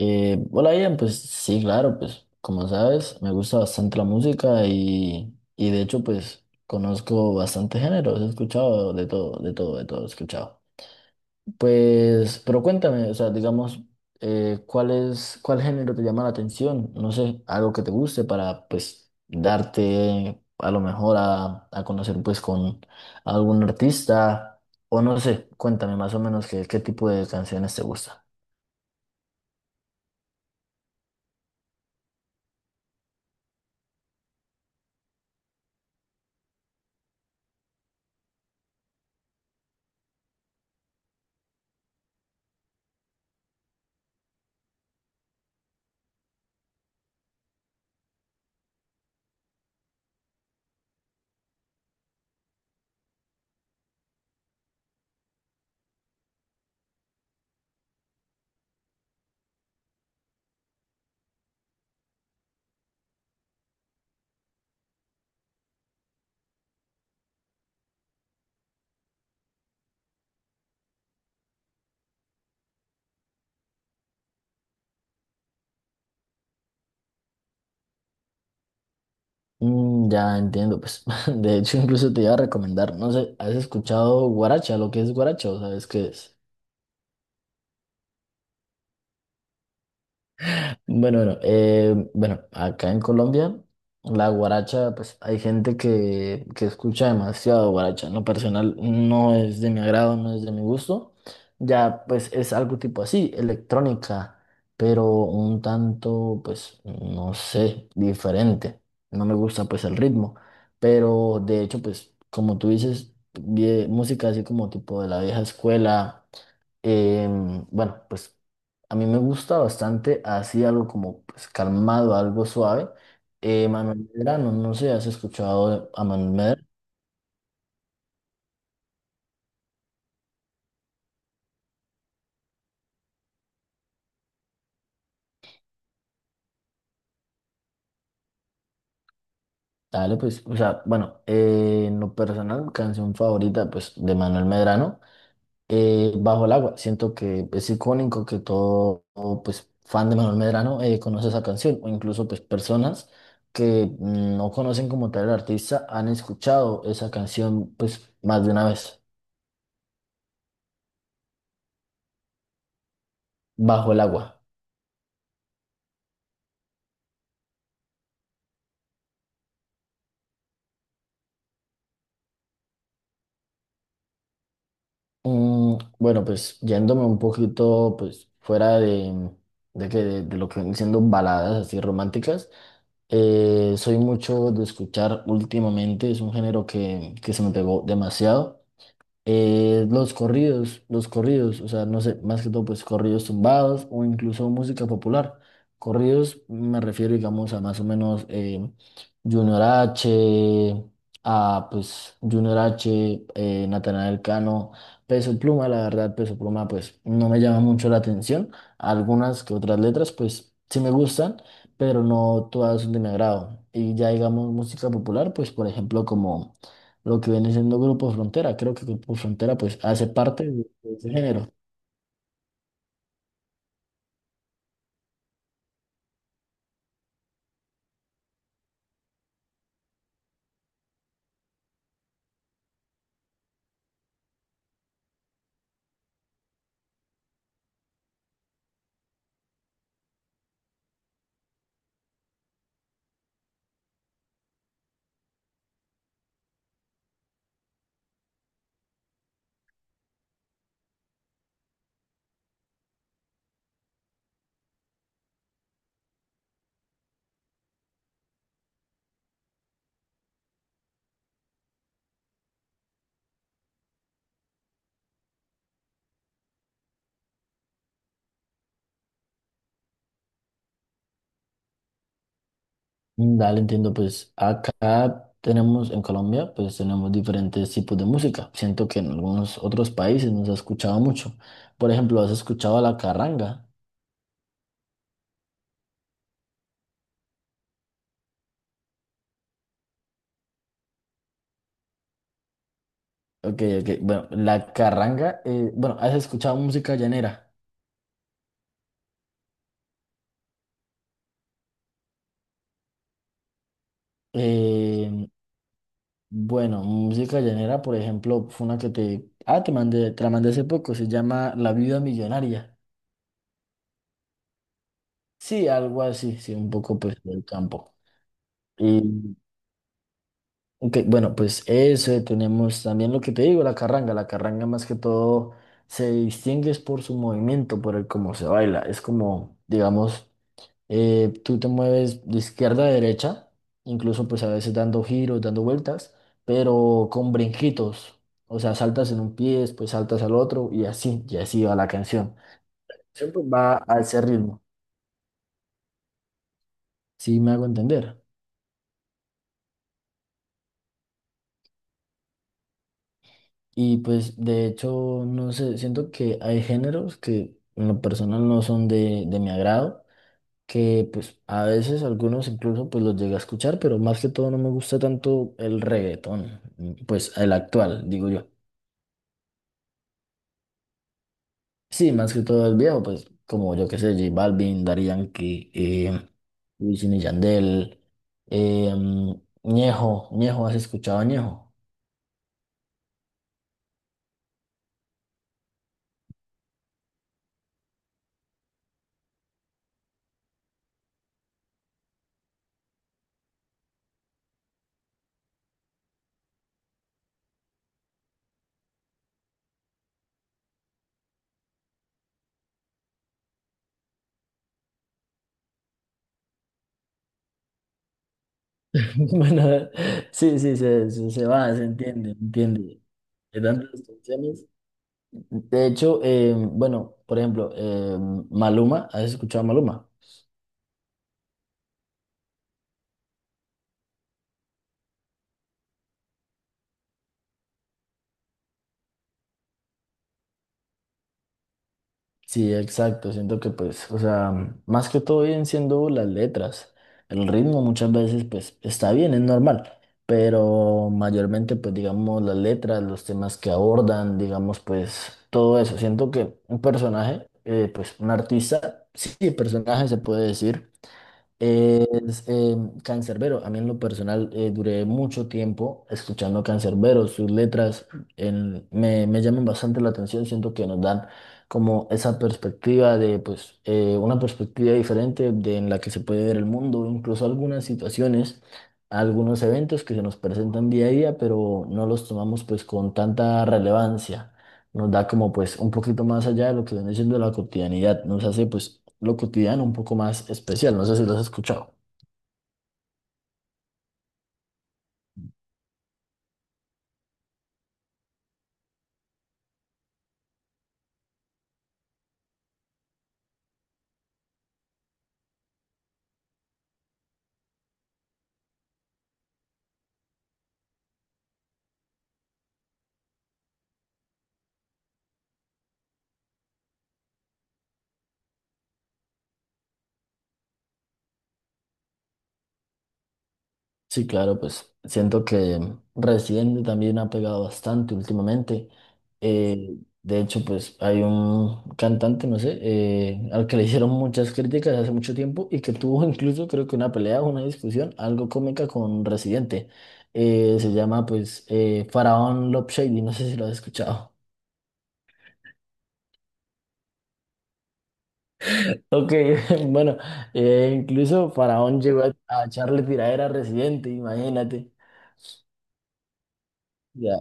Hola Ian, pues sí, claro, pues como sabes, me gusta bastante la música y de hecho pues conozco bastante géneros, he escuchado de todo, de todo, de todo, he escuchado. Pues, pero cuéntame, o sea, digamos, ¿cuál es, cuál género te llama la atención? No sé, algo que te guste para pues darte a lo mejor a conocer pues con algún artista o no sé, cuéntame más o menos qué, qué tipo de canciones te gusta. Mm, ya entiendo, pues de hecho incluso te iba a recomendar, no sé, ¿has escuchado guaracha? Lo que es guaracha, ¿o sabes qué es? Bueno, bueno, bueno, acá en Colombia, la guaracha, pues hay gente que escucha demasiado guaracha. En lo personal no es de mi agrado, no es de mi gusto. Ya, pues es algo tipo así, electrónica, pero un tanto, pues, no sé, diferente. No me gusta, pues, el ritmo. Pero de hecho, pues, como tú dices, música así como tipo de la vieja escuela. Bueno, pues a mí me gusta bastante así algo como pues, calmado, algo suave. Manuel Medrano, no no sé, ¿has escuchado a Manuel Medrano? Dale, pues, o sea, bueno, en lo personal, canción favorita, pues, de Manuel Medrano, Bajo el agua. Siento que es icónico que todo, todo, pues, fan de Manuel Medrano conoce esa canción, o incluso, pues, personas que mm, no conocen como tal el artista han escuchado esa canción, pues, más de una vez, Bajo el agua. Mm, bueno, pues yéndome un poquito pues fuera de lo que vienen siendo baladas así románticas, soy mucho de escuchar últimamente, es un género que se me pegó demasiado. Los corridos, los corridos, o sea, no sé, más que todo, pues corridos tumbados o incluso música popular. Corridos me refiero, digamos, a más o menos Junior H, a pues Junior H, Natanael Cano, Peso Pluma, la verdad, Peso Pluma, pues no me llama mucho la atención. Algunas que otras letras, pues sí me gustan, pero no todas son de mi agrado. Y ya digamos música popular, pues por ejemplo, como lo que viene siendo Grupo Frontera. Creo que Grupo Frontera pues hace parte de ese género. Mm, dale, entiendo, pues acá tenemos en Colombia pues tenemos diferentes tipos de música. Siento que en algunos otros países no se ha escuchado mucho. Por ejemplo, ¿has escuchado la carranga? Ok, ok. Bueno, la carranga, bueno, ¿has escuchado música llanera? Eh, bueno, música llanera, por ejemplo, fue una que te... Ah, te mandé, te la mandé hace poco, se llama La Viuda Millonaria. Sí, algo así, sí, un poco pues del campo. Y, ok, bueno, pues eso, tenemos también lo que te digo, la carranga. La carranga más que todo se distingue es por su movimiento, por el cómo se baila. Es como, digamos, tú te mueves de izquierda a derecha, incluso pues a veces dando giros, dando vueltas, pero con brinquitos. O sea, saltas en un pie, después saltas al otro y así va la canción. Siempre va a ese ritmo, si me hago entender. Y pues de hecho, no sé, siento que hay géneros que en lo personal no son de mi agrado, que pues a veces algunos incluso pues los llegué a escuchar, pero más que todo no me gusta tanto el reggaetón, mm, pues el actual, digo yo. Sí, más que todo el viejo, pues como yo que sé, J Balvin, Daddy Yankee, Wisin y Yandel, Ñejo, Ñejo, ¿has escuchado a Ñejo? Bueno, sí, sí, se va, se entiende, entiende. De tantas canciones. De hecho, bueno, por ejemplo, Maluma, ¿has escuchado a Maluma? Sí, exacto, siento que pues, o sea, más que todo vienen siendo las letras. El ritmo muchas veces pues está bien, es normal, pero mayormente pues digamos las letras, los temas que abordan, digamos pues todo eso. Siento que un personaje, pues un artista, sí, personaje se puede decir es Canserbero. A mí en lo personal duré mucho tiempo escuchando Canserbero. Sus letras me, me llaman bastante la atención. Siento que nos dan como esa perspectiva de, pues, una perspectiva diferente de en la que se puede ver el mundo, incluso algunas situaciones, algunos eventos que se nos presentan día a día, pero no los tomamos pues con tanta relevancia nos da como pues un poquito más allá de lo que viene siendo la cotidianidad, nos hace pues lo cotidiano un poco más especial, no sé si lo has escuchado. Sí, claro, pues siento que Residente también ha pegado bastante últimamente. De hecho, pues hay un cantante, no sé, al que le hicieron muchas críticas hace mucho tiempo y que tuvo incluso creo que una pelea o una discusión algo cómica con Residente. Se llama pues Faraón Love Shady, no sé si lo has escuchado. Ok, bueno, incluso Faraón llegó a echarle tiradera a Residente, imagínate. Ya,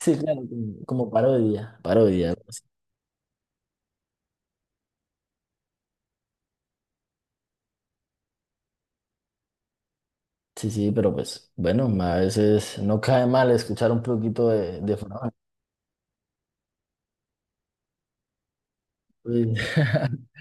sí, claro, como, como parodia, parodia. Sí, sí, pero pues, bueno, a veces no cae mal escuchar un poquito de Faraón. Pues,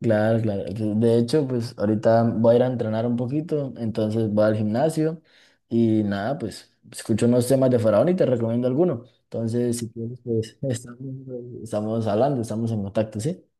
claro, claro. De hecho, pues ahorita voy a ir a entrenar un poquito, entonces voy al gimnasio y nada, pues escucho unos temas de Faraón y te recomiendo alguno. Entonces, si quieres, pues estamos, estamos hablando, estamos en contacto, ¿sí?